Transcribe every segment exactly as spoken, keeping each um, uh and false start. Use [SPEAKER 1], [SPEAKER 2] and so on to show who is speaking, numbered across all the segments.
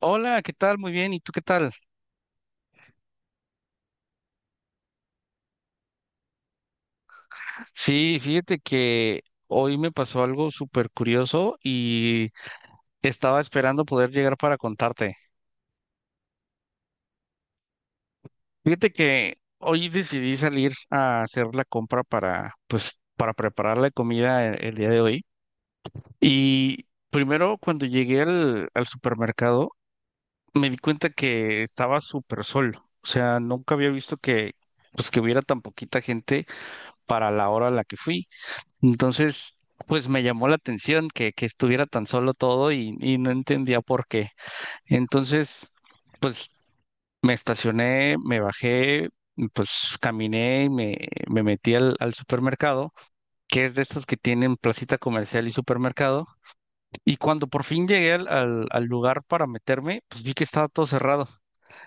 [SPEAKER 1] Hola, ¿qué tal? Muy bien, ¿y tú qué tal? Sí, fíjate que hoy me pasó algo súper curioso y estaba esperando poder llegar para contarte. Fíjate que hoy decidí salir a hacer la compra para, pues, para preparar la comida el, el día de hoy. Y primero, cuando llegué al, al supermercado, me di cuenta que estaba súper sol. O sea, nunca había visto que, pues, que hubiera tan poquita gente para la hora a la que fui. Entonces, pues me llamó la atención que, que estuviera tan solo todo y, y no entendía por qué. Entonces, pues me estacioné, me bajé, pues caminé y me, me metí al, al supermercado, que es de estos que tienen placita comercial y supermercado. Y cuando por fin llegué al, al, al lugar para meterme, pues vi que estaba todo cerrado.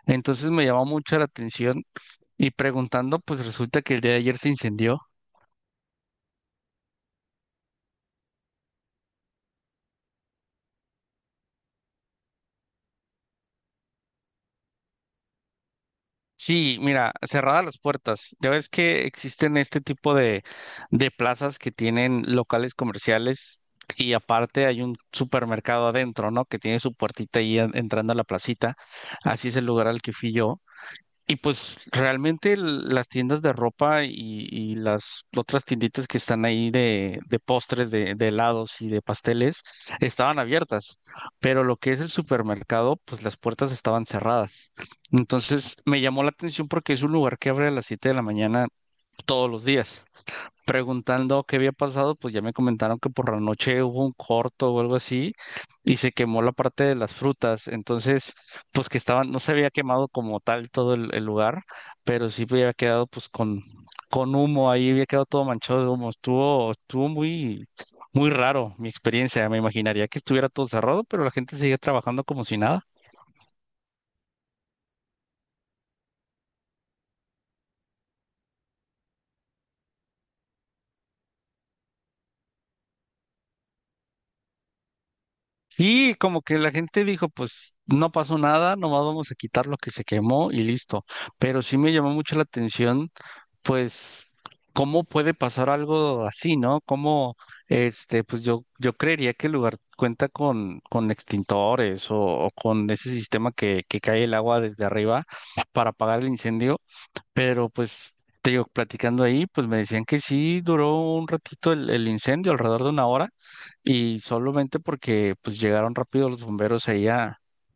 [SPEAKER 1] Entonces me llamó mucho la atención y preguntando, pues resulta que el día de ayer se incendió. Sí, mira, cerradas las puertas. Ya ves que existen este tipo de, de plazas que tienen locales comerciales y aparte hay un supermercado adentro, ¿no? Que tiene su puertita ahí en- entrando a la placita. Así es el lugar al que fui yo. Y pues realmente el- las tiendas de ropa y, y las otras tienditas que están ahí de, de postres, de, de helados y de pasteles estaban abiertas, pero lo que es el supermercado, pues las puertas estaban cerradas. Entonces me llamó la atención porque es un lugar que abre a las siete de la mañana todos los días preguntando qué había pasado, pues ya me comentaron que por la noche hubo un corto o algo así y se quemó la parte de las frutas, entonces pues que estaban, no se había quemado como tal todo el, el lugar, pero sí había quedado pues con, con humo ahí, había quedado todo manchado de humo, estuvo, estuvo muy, muy raro mi experiencia, me imaginaría que estuviera todo cerrado, pero la gente seguía trabajando como si nada. Sí, como que la gente dijo, pues no pasó nada, nomás vamos a quitar lo que se quemó y listo. Pero sí me llamó mucho la atención pues, ¿cómo puede pasar algo así, no? ¿Cómo, este, pues yo, yo creería que el lugar cuenta con, con extintores o, o con ese sistema que, que cae el agua desde arriba para apagar el incendio, pero pues, te digo, platicando ahí, pues me decían que sí duró un ratito el, el incendio, alrededor de una hora, y solamente porque pues llegaron rápido los bomberos ahí a,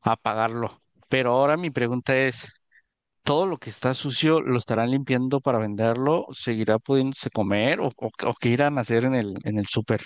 [SPEAKER 1] a apagarlo. Pero ahora mi pregunta es todo lo que está sucio lo estarán limpiando para venderlo, ¿seguirá pudiéndose comer o, o- o qué irán a hacer en el, en el súper?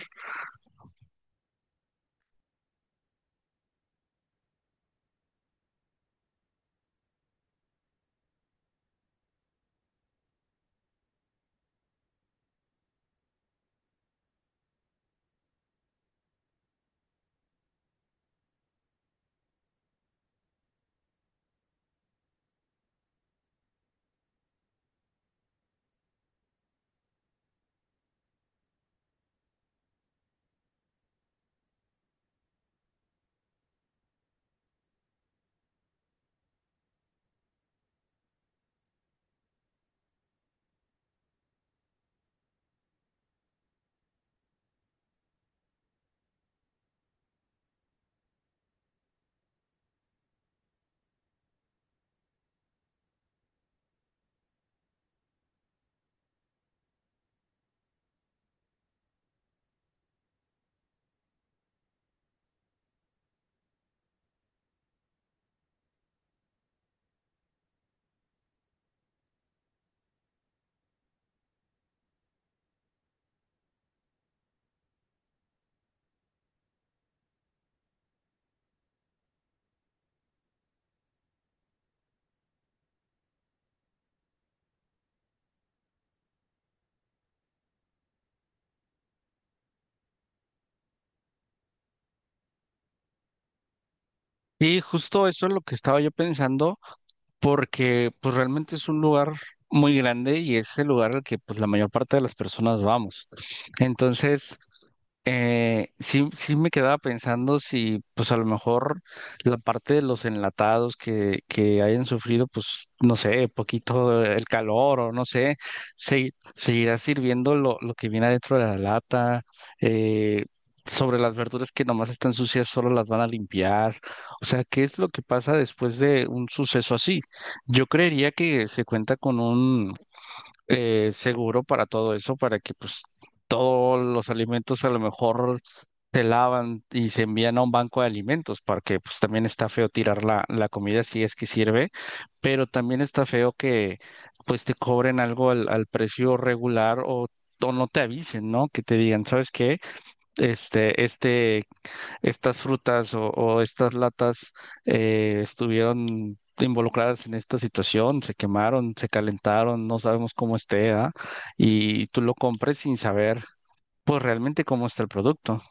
[SPEAKER 1] Sí, justo eso es lo que estaba yo pensando, porque pues realmente es un lugar muy grande y es el lugar al que pues la mayor parte de las personas vamos. Entonces, Eh, sí, sí me quedaba pensando si, pues a lo mejor la parte de los enlatados que, que hayan sufrido, pues no sé, poquito el calor o no sé, se, seguirá sirviendo lo, lo que viene adentro de la lata, eh, sobre las verduras que nomás están sucias, solo las van a limpiar. O sea, ¿qué es lo que pasa después de un suceso así? Yo creería que se cuenta con un eh, seguro para todo eso, para que pues todos los alimentos a lo mejor se lavan y se envían a un banco de alimentos, para que pues también está feo tirar la, la comida si es que sirve, pero también está feo que pues te cobren algo al, al precio regular o, o no te avisen, ¿no? Que te digan, ¿sabes qué? Este, este estas frutas o, o estas latas eh, estuvieron involucradas en esta situación, se quemaron, se calentaron, no sabemos cómo esté, ¿ah? Y tú lo compres sin saber, pues realmente cómo está el producto.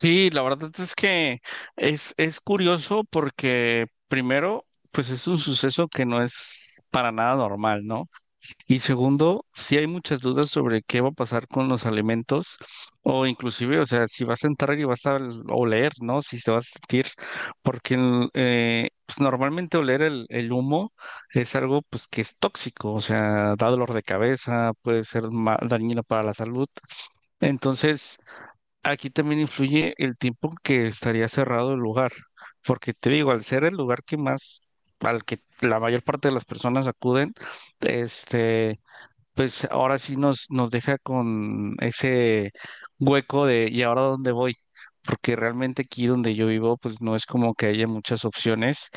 [SPEAKER 1] Sí, la verdad es que es, es curioso porque primero, pues es un suceso que no es para nada normal, ¿no? Y segundo, si hay muchas dudas sobre qué va a pasar con los alimentos o inclusive, o sea, si vas a entrar y vas a ol- oler, ¿no? Si te vas a sentir, porque el, eh, pues normalmente oler el, el humo es algo pues que es tóxico, o sea, da dolor de cabeza, puede ser ma- dañino para la salud. Entonces, aquí también influye el tiempo que estaría cerrado el lugar, porque te digo, al ser el lugar que más, al que la mayor parte de las personas acuden, este pues ahora sí nos, nos deja con ese hueco de ¿y ahora dónde voy? Porque realmente aquí donde yo vivo, pues no es como que haya muchas opciones.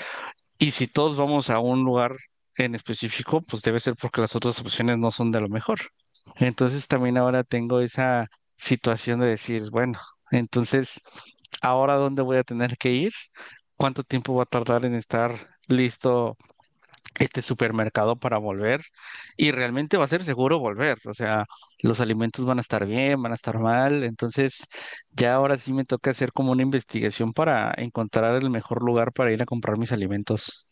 [SPEAKER 1] Y si todos vamos a un lugar en específico, pues debe ser porque las otras opciones no son de lo mejor. Entonces también ahora tengo esa situación de decir, bueno, entonces, ¿ahora dónde voy a tener que ir? ¿Cuánto tiempo va a tardar en estar listo este supermercado para volver y realmente va a ser seguro volver? O sea, los alimentos van a estar bien, van a estar mal, entonces ya ahora sí me toca hacer como una investigación para encontrar el mejor lugar para ir a comprar mis alimentos.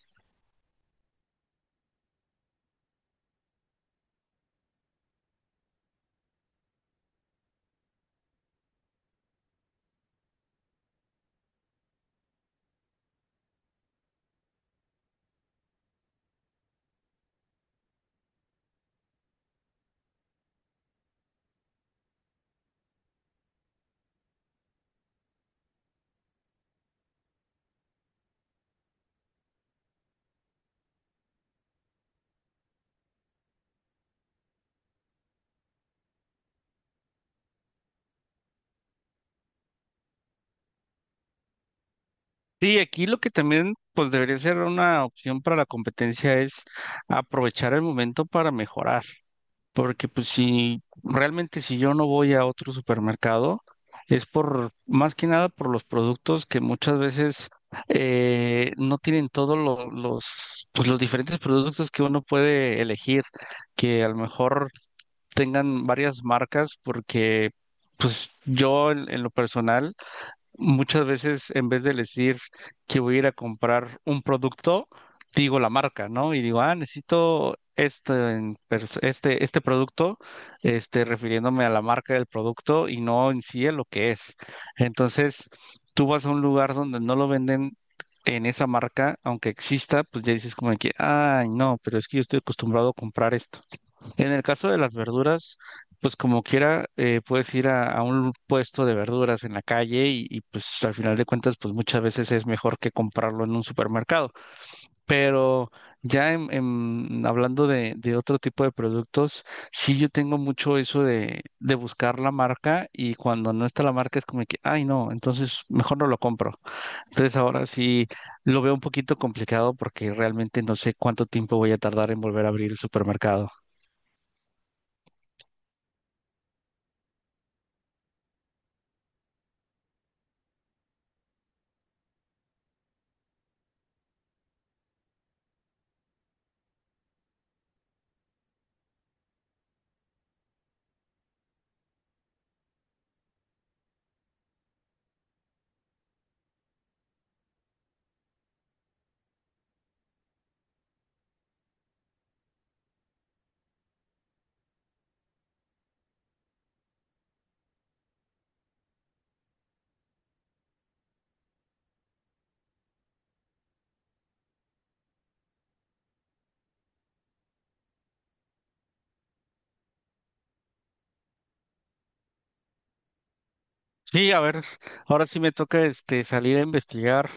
[SPEAKER 1] Sí, aquí lo que también pues debería ser una opción para la competencia es aprovechar el momento para mejorar. Porque pues si realmente si yo no voy a otro supermercado, es por más que nada por los productos que muchas veces eh, no tienen todos lo- los, pues, los diferentes productos que uno puede elegir, que a lo mejor tengan varias marcas, porque pues yo en en lo personal, muchas veces, en vez de decir que voy a ir a comprar un producto, digo la marca, ¿no? Y digo, ah, necesito este, en pers- este, este producto, este, refiriéndome a la marca del producto y no en sí a lo que es. Entonces, tú vas a un lugar donde no lo venden en esa marca, aunque exista, pues ya dices como que, ay, no, pero es que yo estoy acostumbrado a comprar esto. En el caso de las verduras, pues como quiera, eh, puedes ir a, a un puesto de verduras en la calle y, y, pues al final de cuentas, pues muchas veces es mejor que comprarlo en un supermercado. Pero ya en, en- hablando de, de otro tipo de productos, sí yo tengo mucho eso de, de buscar la marca y cuando no está la marca es como que, ay no, entonces mejor no lo compro. Entonces ahora sí lo veo un poquito complicado porque realmente no sé cuánto tiempo voy a tardar en volver a abrir el supermercado. Sí, a ver, ahora sí me toca este salir a investigar,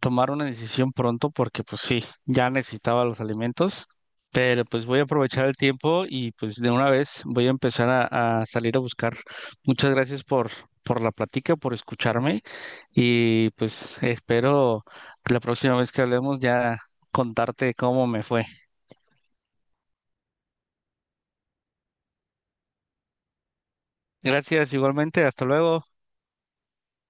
[SPEAKER 1] tomar una decisión pronto porque pues sí, ya necesitaba los alimentos, pero pues voy a aprovechar el tiempo y pues de una vez voy a empezar a, a salir a buscar. Muchas gracias por, por la plática, por escucharme y pues espero que la próxima vez que hablemos ya contarte cómo me fue. Gracias igualmente, hasta luego.